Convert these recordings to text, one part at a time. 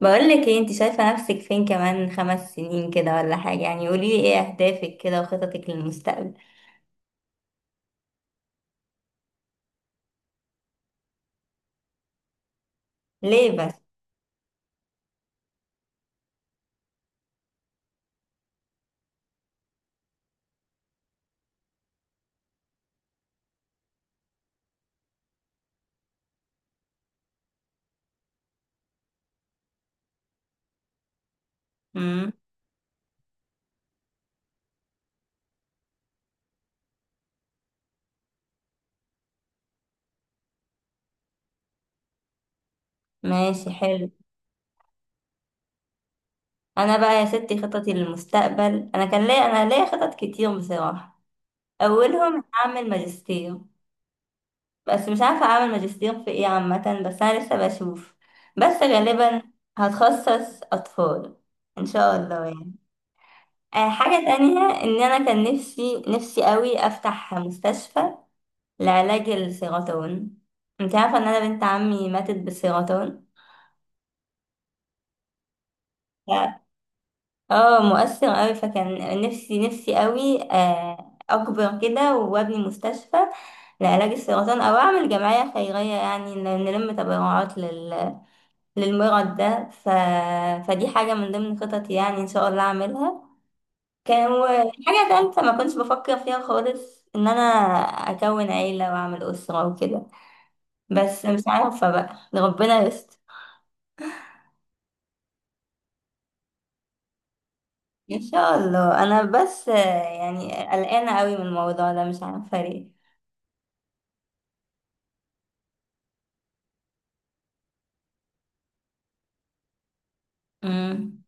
بقول لك ايه، انت شايفة نفسك فين كمان 5 سنين كده ولا حاجة؟ قولي لي ايه اهدافك كده وخططك للمستقبل؟ ليه بس؟ امم ماشي، حلو. انا بقى يا ستي خططي للمستقبل، انا ليا خطط كتير بصراحة. اولهم اعمل ماجستير، بس مش عارفة اعمل ماجستير في ايه عامة. بس انا لسه بشوف. بس غالبا هتخصص اطفال ان شاء الله يعني. آه، حاجة تانية ان انا كان نفسي نفسي قوي افتح مستشفى لعلاج السرطان. انت عارفة ان انا بنت عمي ماتت بالسرطان. ف- اه، مؤثر قوي. فكان نفسي نفسي قوي، آه، اكبر كده وابني مستشفى لعلاج السرطان، او اعمل جمعية خيرية يعني نلم تبرعات للمرض ده. فدي حاجة من ضمن خططي يعني، ان شاء الله اعملها. كان حاجة تالتة ما كنتش بفكر فيها خالص، ان انا اكون عيلة واعمل اسرة وكده، بس مش عارفة بقى، ربنا يستر. ان شاء الله. انا بس آه، يعني قلقانه قوي من الموضوع ده، مش عارفه ليه. امم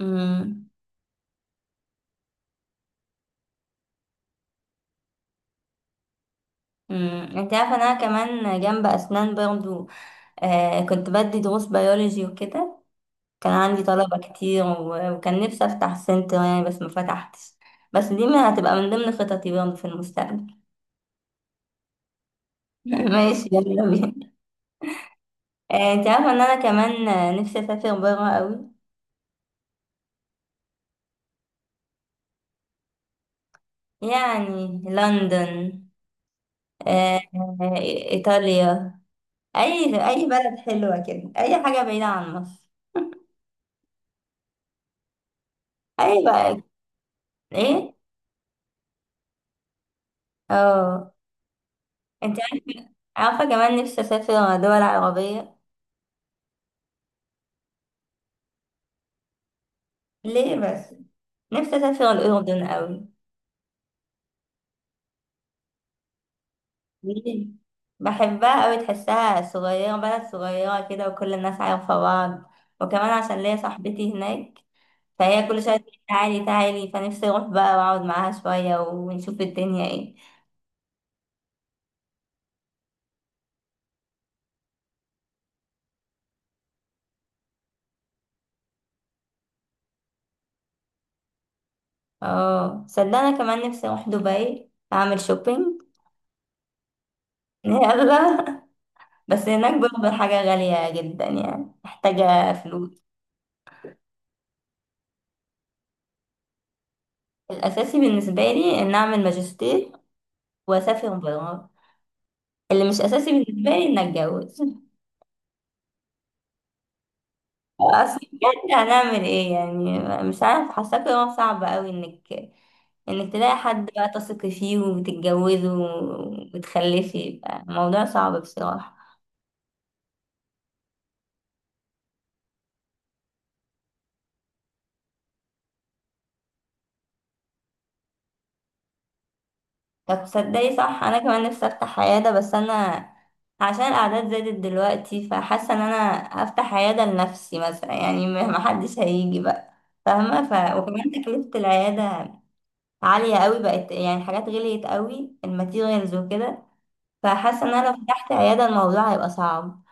امم انت عارفه إن انا كمان جنب اسنان برضو آه كنت بدي دروس بيولوجي وكده. كان عندي طلبه كتير وكان نفسي افتح سنتر يعني، بس ما فتحتش. بس دي ما هتبقى من ضمن خططي برضو في المستقبل. ماشي، يلا بينا. آه، انت عارفه ان انا كمان آه، نفسي اسافر بره قوي. يعني لندن، آه، آه، إيطاليا. اي بلد حلوه كده، اي حاجه بعيده عن مصر. اي بقى. ايه، اه. انت عارفه، عارفه كمان نفسي اسافر دول عربيه. ليه بس؟ نفسي اسافر الاردن قوي. ليه؟ بحبها قوي، تحسها صغيره، بلد صغيره كده وكل الناس عارفه بعض. وكمان عشان ليا صاحبتي هناك، فهي كل شويه تقول تعالي تعالي. فنفسي اروح بقى واقعد معاها شويه ونشوف الدنيا ايه. اه صدقني كمان نفسي اروح دبي اعمل شوبينج. يلا. بس هناك برضه الحاجة غالية جدا يعني، محتاجة فلوس. الأساسي بالنسبة لي إن أعمل ماجستير وأسافر برا. اللي مش أساسي بالنسبة لي إن أتجوز. أصل بجد هنعمل إيه يعني؟ مش عارف، حاسة قرار صعب أوي إنك تلاقي حد بقى تثقي فيه وتتجوزه وتخلفي. الموضوع صعب بصراحة. طب تصدقي؟ صح، انا كمان نفسي افتح عيادة، بس انا عشان الاعداد زادت دلوقتي، فحاسة ان انا افتح عيادة لنفسي مثلا يعني، ما حدش هيجي بقى، فاهمة؟ وكمان تكلفة العيادة عالية قوي بقت يعني، الحاجات غليت قوي، الماتيريالز وكده. فحاسة ان انا لو فتحت عيادة الموضوع هيبقى صعب.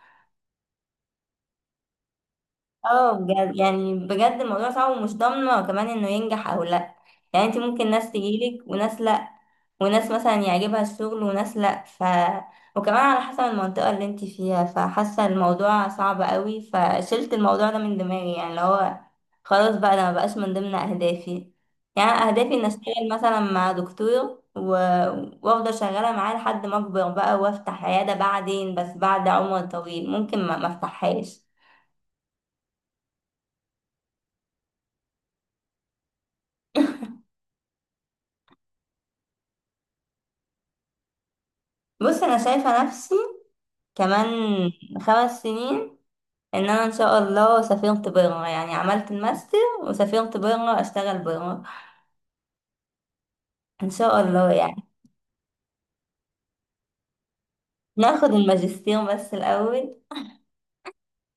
اه بجد يعني، بجد الموضوع صعب ومش ضامنة كمان انه ينجح او لا. يعني انت ممكن ناس تجيلك وناس لا، وناس مثلا يعجبها الشغل وناس لا، وكمان على حسب المنطقة اللي انت فيها. فحاسة الموضوع صعب قوي، فشلت الموضوع ده من دماغي يعني، اللي هو خلاص بقى ده مبقاش من ضمن اهدافي. يعني اهدافي ان اشتغل مثلا مع دكتور وافضل شغالة معاه لحد ما اكبر بقى وافتح عيادة بعدين، بس بعد عمر طويل ممكن ما افتحهاش. بص انا شايفه نفسي كمان 5 سنين، ان انا ان شاء الله سافرت بره يعني، عملت الماستر وسافرت بره اشتغل بره، ان شاء الله يعني. ناخد الماجستير بس الاول،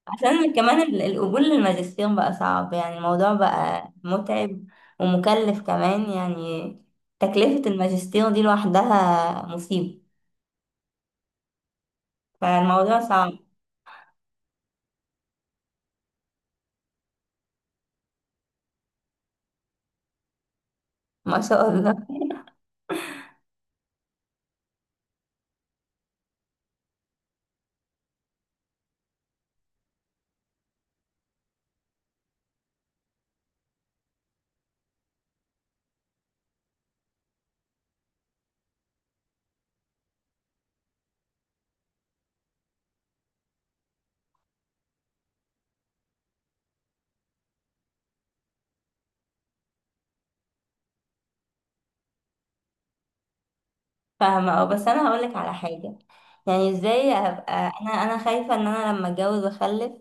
عشان كمان القبول للماجستير بقى صعب يعني، الموضوع بقى متعب ومكلف كمان يعني. تكلفة الماجستير دي لوحدها مصيبة. فالموضوع صعب. ما شاء الله. فاهمة. اه بس انا هقولك على حاجة، يعني ازاي ابقى؟ انا خايفة ان انا لما اتجوز واخلف،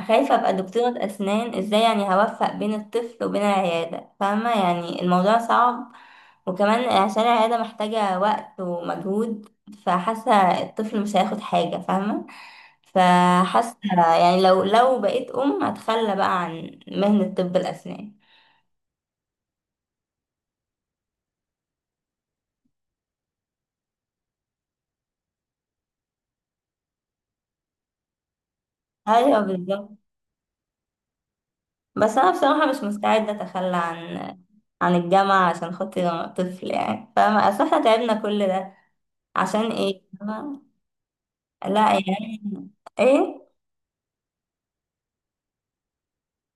خايفة ابقى دكتورة اسنان ازاي يعني، هوفق بين الطفل وبين العيادة. فاهمة؟ يعني الموضوع صعب، وكمان عشان العيادة محتاجة وقت ومجهود. فحاسة الطفل مش هياخد حاجة فاهمة. فحاسة يعني لو بقيت ام هتخلى بقى عن مهنة طب الاسنان. ايوه بالظبط. بس انا بصراحه مش مستعده اتخلى عن عن الجامعه عشان خاطر طفل يعني، فاهمه؟ اصل احنا تعبنا كل ده عشان ايه، فاهمة؟ لا يعني. ايه.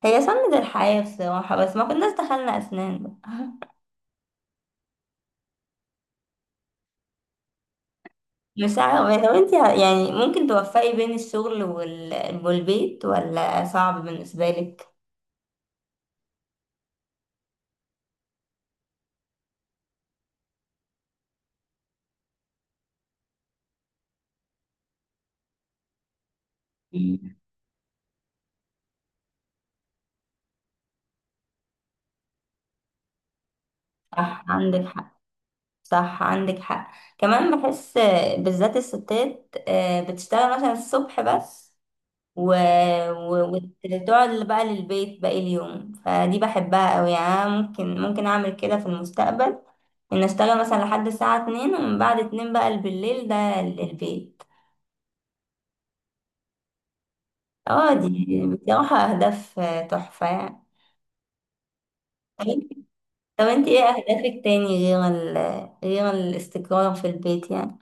هي سنة الحياه بصراحه، بس ما كناش دخلنا اسنان بقى. مش عارفه، لو انت يعني ممكن توفقي بين الشغل والبيت، ولا صعب بالنسبه لك؟ مم. صح عندك حق. صح عندك حق. كمان بحس، بالذات الستات آه، بتشتغل مثلا الصبح بس و... و... وتقعد بقى للبيت باقي اليوم. فدي بحبها قوي يعني، أنا ممكن اعمل كده في المستقبل، ان اشتغل مثلا لحد الساعة 2، ومن بعد 2 بقى بالليل ده للبيت. اه دي بصراحة اهداف آه، تحفة يعني. طب انت طب انت ايه اهدافك تاني غير غير الاستقرار في البيت يعني؟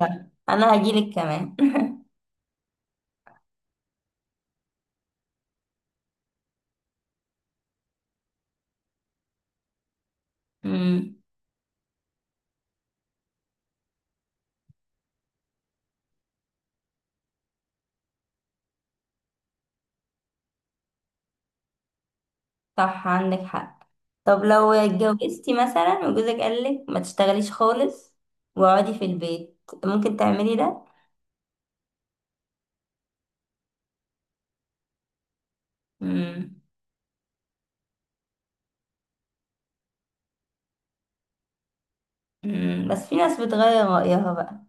لا، انا هجيلك كمان. مم. صح عندك حق. طب لو اتجوزتي مثلا وجوزك قالك ما تشتغليش خالص واقعدي في البيت، ممكن تعملي ده؟ مم. مم. بس في ناس بتغير رأيها بقى.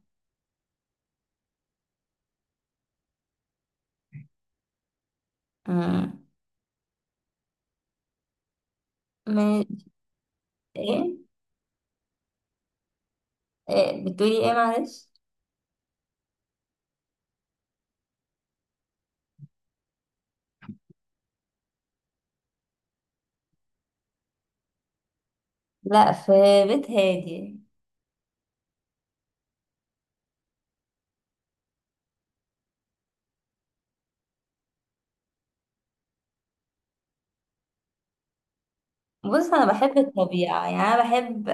مم. من... ايه. إيه؟ بتقولي ايه، معلش؟ لا، في بيت هادي. بص انا بحب الطبيعة، يعني انا بحب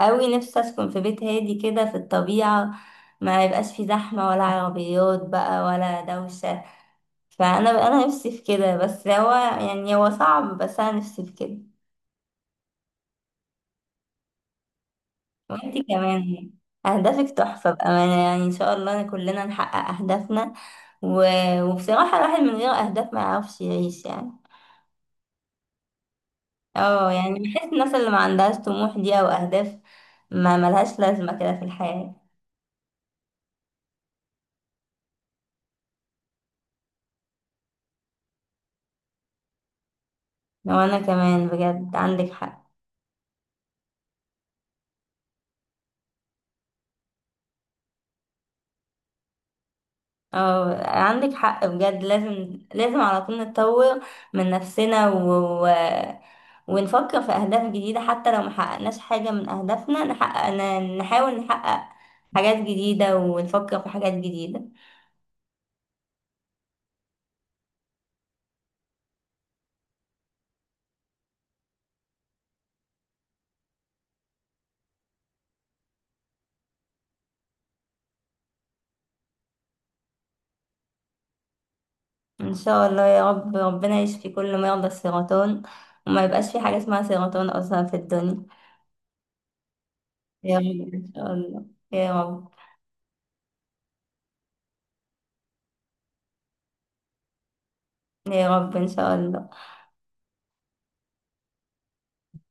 قوي. نفسي اسكن في بيت هادي كده في الطبيعة، ما يبقاش في زحمة ولا عربيات بقى ولا دوشة. فانا نفسي في كده، بس هو يعني هو صعب، بس انا نفسي في كده. وانتي كمان يعني اهدافك تحفه بامانه يعني، ان شاء الله كلنا نحقق اهدافنا. و... وبصراحه الواحد من غير اهداف ما يعرفش يعيش يعني. اه يعني بحس الناس اللي ما عندهاش طموح دي او اهداف ما ملهاش لازمه كده في الحياه. وانا كمان بجد عندك حق. اه عندك حق بجد، لازم لازم على طول نتطور من نفسنا و- ونفكر في أهداف جديدة، حتى لو محققناش حاجة من أهدافنا نحقق نحاول نحقق حاجات جديدة ونفكر في حاجات جديدة. إن شاء الله يا رب ربنا يشفي كل مرضى السرطان، وما يبقاش في حاجة اسمها سرطان أصلا في الدنيا. يا رب إن شاء الله. يا رب. يا رب إن شاء الله.